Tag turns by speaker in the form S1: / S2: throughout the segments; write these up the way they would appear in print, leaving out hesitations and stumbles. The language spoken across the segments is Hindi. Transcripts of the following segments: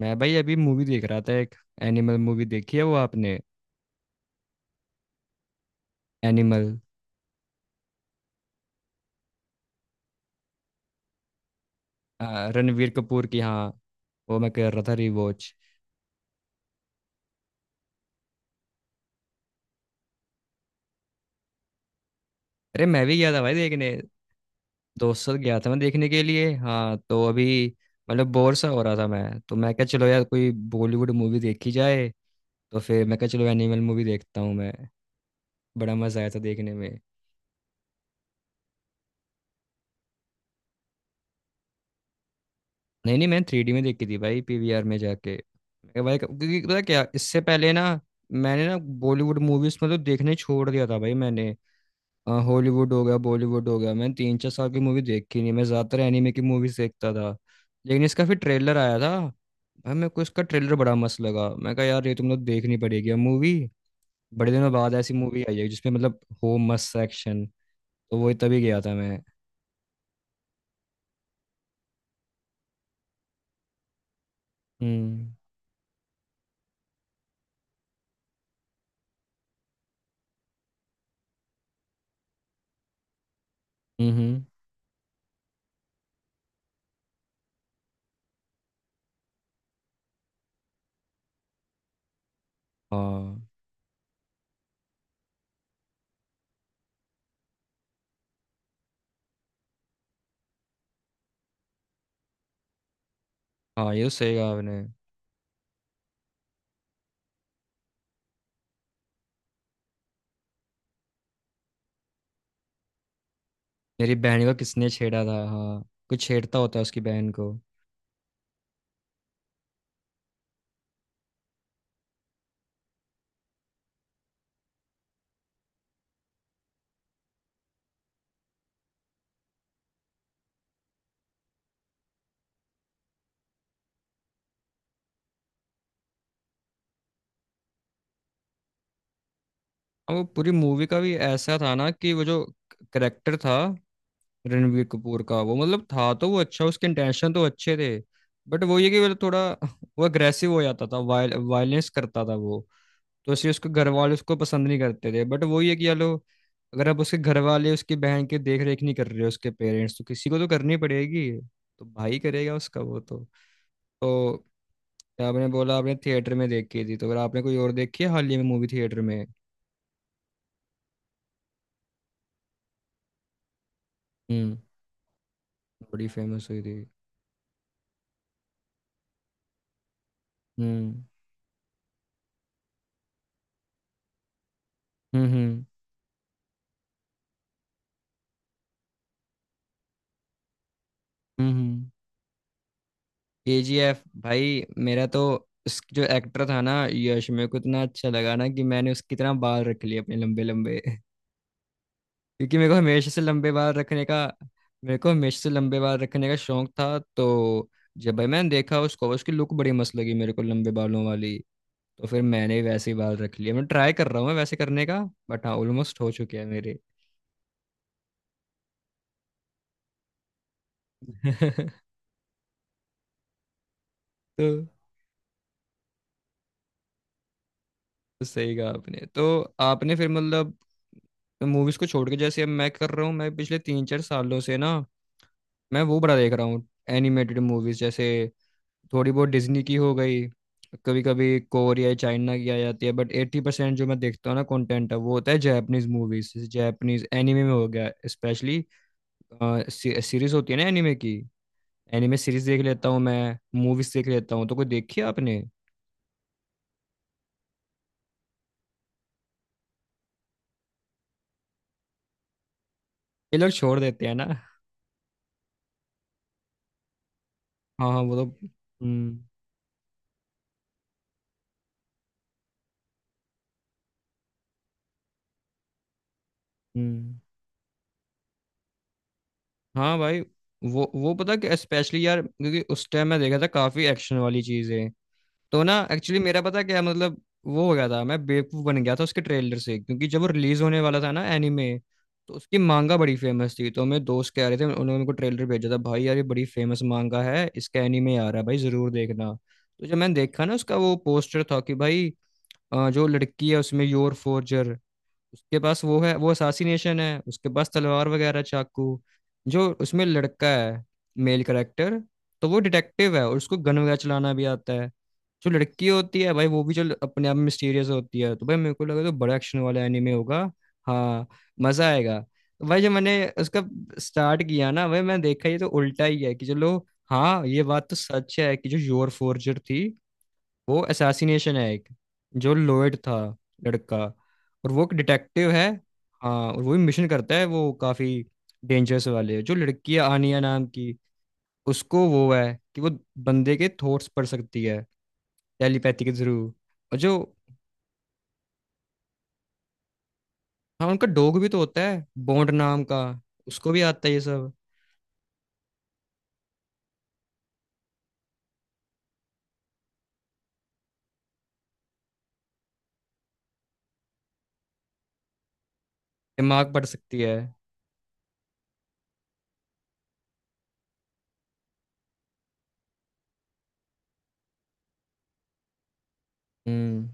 S1: मैं भाई अभी मूवी देख रहा था एक। एनिमल मूवी देखी है वो आपने? एनिमल, रणवीर कपूर की, हाँ। वो मैं कर रहा था रिवॉच। अरे मैं भी गया था भाई देखने, दोस्तों साथ गया था मैं देखने के लिए। हाँ तो अभी मतलब बोर सा हो रहा था, मैं तो मैं क्या चलो यार कोई बॉलीवुड मूवी देखी जाए। तो फिर मैं क्या चलो एनिमल मूवी देखता हूँ मैं। बड़ा मजा आया था देखने में। नहीं नहीं, मैंने 3D में देखी थी भाई PVR में जाके। मैं कहा भाई क्योंकि पता क्या, इससे पहले ना मैंने ना बॉलीवुड मूवीज मतलब देखने छोड़ दिया था भाई मैंने। हाँ, हॉलीवुड हो गया बॉलीवुड हो गया, मैंने 3-4 साल की मूवी देखी नहीं। मैं ज्यादातर एनिमे की मूवीज देखता था। लेकिन इसका फिर ट्रेलर आया था भाई, मेरे को इसका ट्रेलर बड़ा मस्त लगा। मैं कहा यार ये तुम लोग देखनी पड़ेगी मूवी। बड़े दिनों बाद ऐसी मूवी आई है जिसमें मतलब हो मस्त एक्शन। तो वही तभी गया था मैं। हम्म। हम्म। हम्म। हाँ, हाँ ये तो सही कहा आपने। मेरी बहन को किसने छेड़ा था, हाँ। कुछ छेड़ता होता है उसकी बहन को। अब वो पूरी मूवी का भी ऐसा था ना कि वो जो करेक्टर था रणवीर कपूर का, वो मतलब था तो वो अच्छा, उसके इंटेंशन तो अच्छे थे। बट वो ये कि वो थोड़ा वो अग्रेसिव हो जाता था, वायलेंस करता था वो। तो इसलिए उसके घर वाले उसको पसंद नहीं करते थे। बट वो ये कि चलो, अगर अब उसके घर वाले उसकी बहन की देख रेख नहीं कर रहे उसके पेरेंट्स, तो किसी को तो करनी पड़ेगी, तो भाई करेगा उसका वो तो। तो आपने बोला आपने थिएटर में देखी थी, तो अगर आपने कोई और देखी है हाल ही में मूवी थिएटर में? हम्म। बड़ी फेमस हुई थी। हम्म। हम्म। हम्म। हम्म। KGF भाई मेरा तो। उस जो एक्टर था ना यश, मेरे को इतना अच्छा लगा ना कि मैंने उसकी तरह बाल रख लिए अपने लंबे लंबे। क्योंकि मेरे को हमेशा से लंबे बाल रखने का शौक था तो। जब भाई मैंने देखा उसको, उसकी लुक बड़ी मस्त लगी मेरे को लंबे बालों वाली। तो फिर मैंने भी वैसे ही बाल रख लिए, मैं ट्राई कर रहा हूँ वैसे करने का। बट हाँ ऑलमोस्ट हो चुके हैं मेरे। तो सही कहा आपने। तो आपने फिर मतलब मूवीज को छोड़ के जैसे अब मैं कर रहा हूँ, मैं पिछले 3-4 सालों से ना, मैं वो बड़ा देख रहा हूँ एनिमेटेड मूवीज जैसे। थोड़ी बहुत डिज्नी की हो गई, कभी कभी कोरिया चाइना की आ जाती है। बट 80% जो मैं देखता हूँ ना कंटेंट है, वो होता है जापानीज मूवीज, जैसे जापानीज एनिमे में हो गया स्पेशली। सीरीज होती है ना एनिमे की। एनिमे सीरीज देख लेता हूँ मैं, मूवीज देख लेता हूँ। तो कोई देखी है आपने? ये लोग छोड़ देते हैं ना। हाँ, हाँ वो तो। हम्म। हम्म। हाँ भाई, वो पता कि स्पेशली यार, क्योंकि उस टाइम मैं देखा था काफी एक्शन वाली चीजें। तो ना एक्चुअली मेरा पता क्या मतलब वो हो गया था, मैं बेवकूफ़ बन गया था उसके ट्रेलर से, क्योंकि जब वो रिलीज होने वाला था ना एनीमे। तो उसकी मांगा बड़ी फेमस थी, तो मेरे दोस्त कह रहे थे, उन्होंने मेरे को ट्रेलर भेजा था, भाई यार ये बड़ी फेमस मांगा है, इसका एनीमे आ रहा है भाई, ज़रूर देखना। तो जब मैंने देखा ना उसका वो पोस्टर था कि भाई, जो लड़की है उसमें योर फोर्जर, उसके पास वो है, वो असासिनेशन है, उसके पास तलवार वगैरह चाकू। जो उसमें लड़का है, मेल करेक्टर, तो वो डिटेक्टिव है और उसको गन वगैरह चलाना भी आता है। जो लड़की होती है भाई, वो भी जो अपने आप में मिस्टीरियस होती है। तो भाई मेरे को लगा तो बड़ा एक्शन वाला एनिमे होगा, हाँ, मजा आएगा। तो भाई जब मैंने उसका स्टार्ट किया ना भाई, मैंने देखा ये तो उल्टा ही है कि चलो। हाँ ये बात तो सच है कि जो योर फोर्जर थी वो असैसिनेशन है एक, जो लोएड था लड़का और वो एक डिटेक्टिव है। हाँ और वो भी मिशन करता है वो काफी डेंजरस वाले। जो लड़की है आनिया नाम की, उसको वो है कि वो बंदे के थॉट्स पढ़ सकती है टेलीपैथी के थ्रू। और जो, हाँ, उनका डॉग भी तो होता है बॉन्ड नाम का, उसको भी आता है ये सब, दिमाग पढ़ सकती है। हम्म।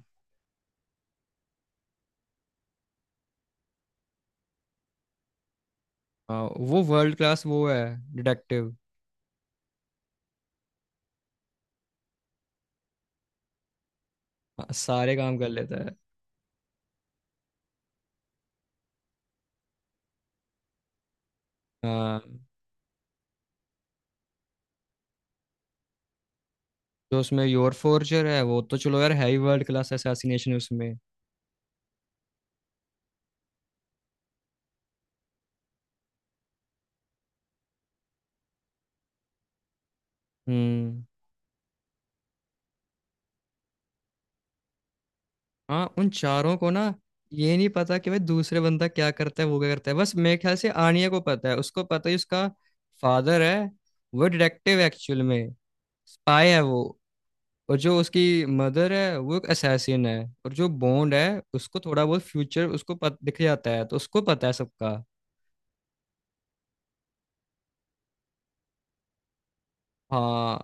S1: हाँ वो वर्ल्ड क्लास वो है, डिटेक्टिव, सारे काम कर लेता है। हाँ जो उसमें योर फोर्जर है, वो तो चलो यार है ही वर्ल्ड क्लास असैसिनेशन उसमें। हम्म। हाँ उन चारों को ना ये नहीं पता कि भाई दूसरे बंदा क्या करता है वो क्या करता है। बस मेरे ख्याल से आनिया को पता है, उसको पता है उसका फादर है, वो डिटेक्टिव एक्चुअल में स्पाई है वो। और जो उसकी मदर है वो एक असैसिन है। और जो बॉन्ड है, उसको थोड़ा बहुत फ्यूचर उसको दिख जाता है, तो उसको पता है सबका। हाँ,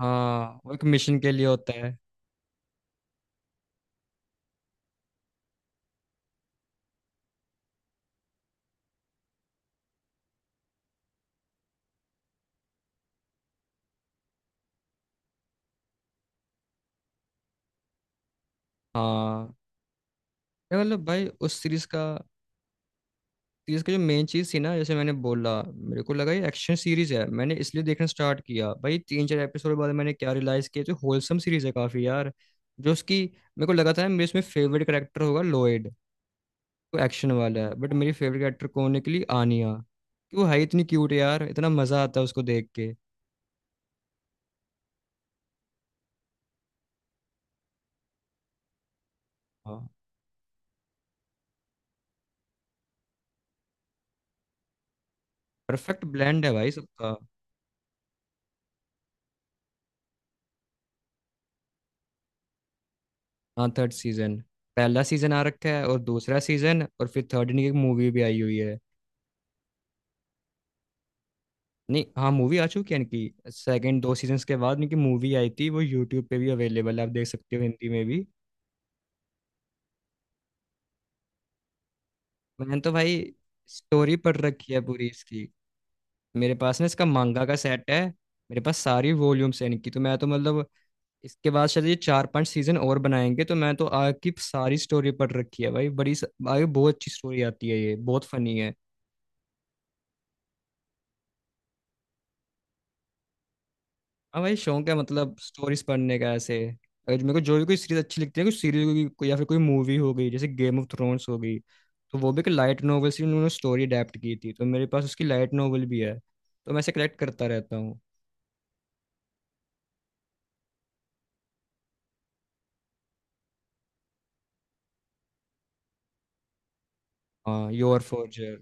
S1: हाँ वो एक मिशन के लिए होता है। हाँ ये मतलब भाई उस सीरीज का, इसका जो मेन चीज थी ना, जैसे मैंने बोला मेरे को लगा ये एक्शन सीरीज है, मैंने इसलिए देखना स्टार्ट किया भाई। 3-4 एपिसोड के बाद मैंने क्या रियलाइज किया तो होलसम सीरीज है काफी यार। जो उसकी, मेरे को लगा था मेरे इसमें फेवरेट करेक्टर होगा लॉयड, वो एक्शन वाला है। बट मेरी फेवरेट करेक्टर कौन निकली, आनिया। कि वो है इतनी क्यूट यार, इतना मजा आता है उसको देख के। हाँ परफेक्ट ब्लेंड है भाई सबका। हाँ थर्ड सीजन। पहला सीजन आ रखा है और दूसरा सीजन, और फिर थर्ड की एक मूवी भी आई हुई है। नहीं, हाँ मूवी आ चुकी है इनकी। सेकंड 2 सीजन्स के बाद इनकी मूवी आई थी, वो यूट्यूब पे भी अवेलेबल है, आप देख सकते हो हिंदी में भी। मैंने तो भाई स्टोरी पढ़ रखी है पूरी इसकी। मेरे पास ना इसका मांगा का सेट है, मेरे पास सारी वॉल्यूम्स है इनकी। तो मैं तो मतलब, इसके बाद शायद ये 4-5 सीजन और बनाएंगे, तो मैं तो आगे की सारी स्टोरी पढ़ रखी है भाई। आगे बहुत अच्छी स्टोरी आती है, ये बहुत फनी है। हाँ भाई, शौक है मतलब स्टोरीज पढ़ने का ऐसे। अगर मेरे को जो भी कोई सीरीज अच्छी लगती है, कोई सीरीज कोई, या फिर कोई मूवी हो गई, जैसे गेम ऑफ थ्रोन्स हो गई, तो वो भी एक लाइट नोवेल से उन्होंने स्टोरी अडेप्ट की थी, तो मेरे पास उसकी लाइट नोवेल भी है, तो मैं ऐसे कलेक्ट करता रहता हूँ। हाँ योर फोर्जर।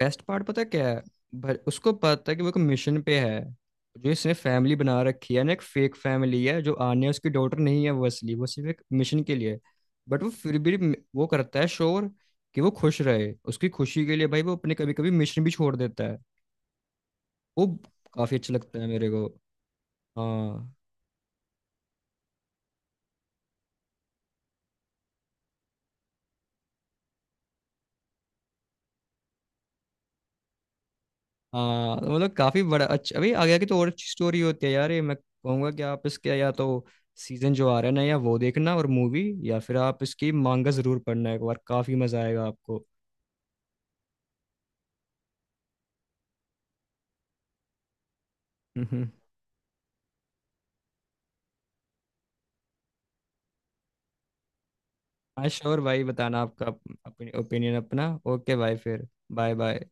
S1: बेस्ट पार्ट पता है क्या है भाई? उसको पता है कि वो एक मिशन पे है, जो इसने फैमिली बना रखी है ना, एक फेक फैमिली है, जो आन्या उसकी डॉटर नहीं है वो असली, वो सिर्फ एक मिशन के लिए। बट वो फिर भी वो करता है श्योर कि वो खुश रहे, उसकी खुशी के लिए भाई वो अपने कभी कभी मिशन भी छोड़ देता है, वो काफी अच्छा लगता है मेरे को। हाँ, हाँ तो मतलब काफी बड़ा अच्छा, अभी आगे आगे तो और अच्छी स्टोरी होती है यार ये। मैं कहूंगा कि आप इसके या तो सीजन जो आ रहा है ना या वो देखना और मूवी, या फिर आप इसकी मांगा जरूर पढ़ना एक बार, काफी मजा आएगा आपको। हम्म, हम्म। हाँ श्योर भाई, बताना आपका ओपिनियन अपना। ओके भाई फिर, बाय बाय।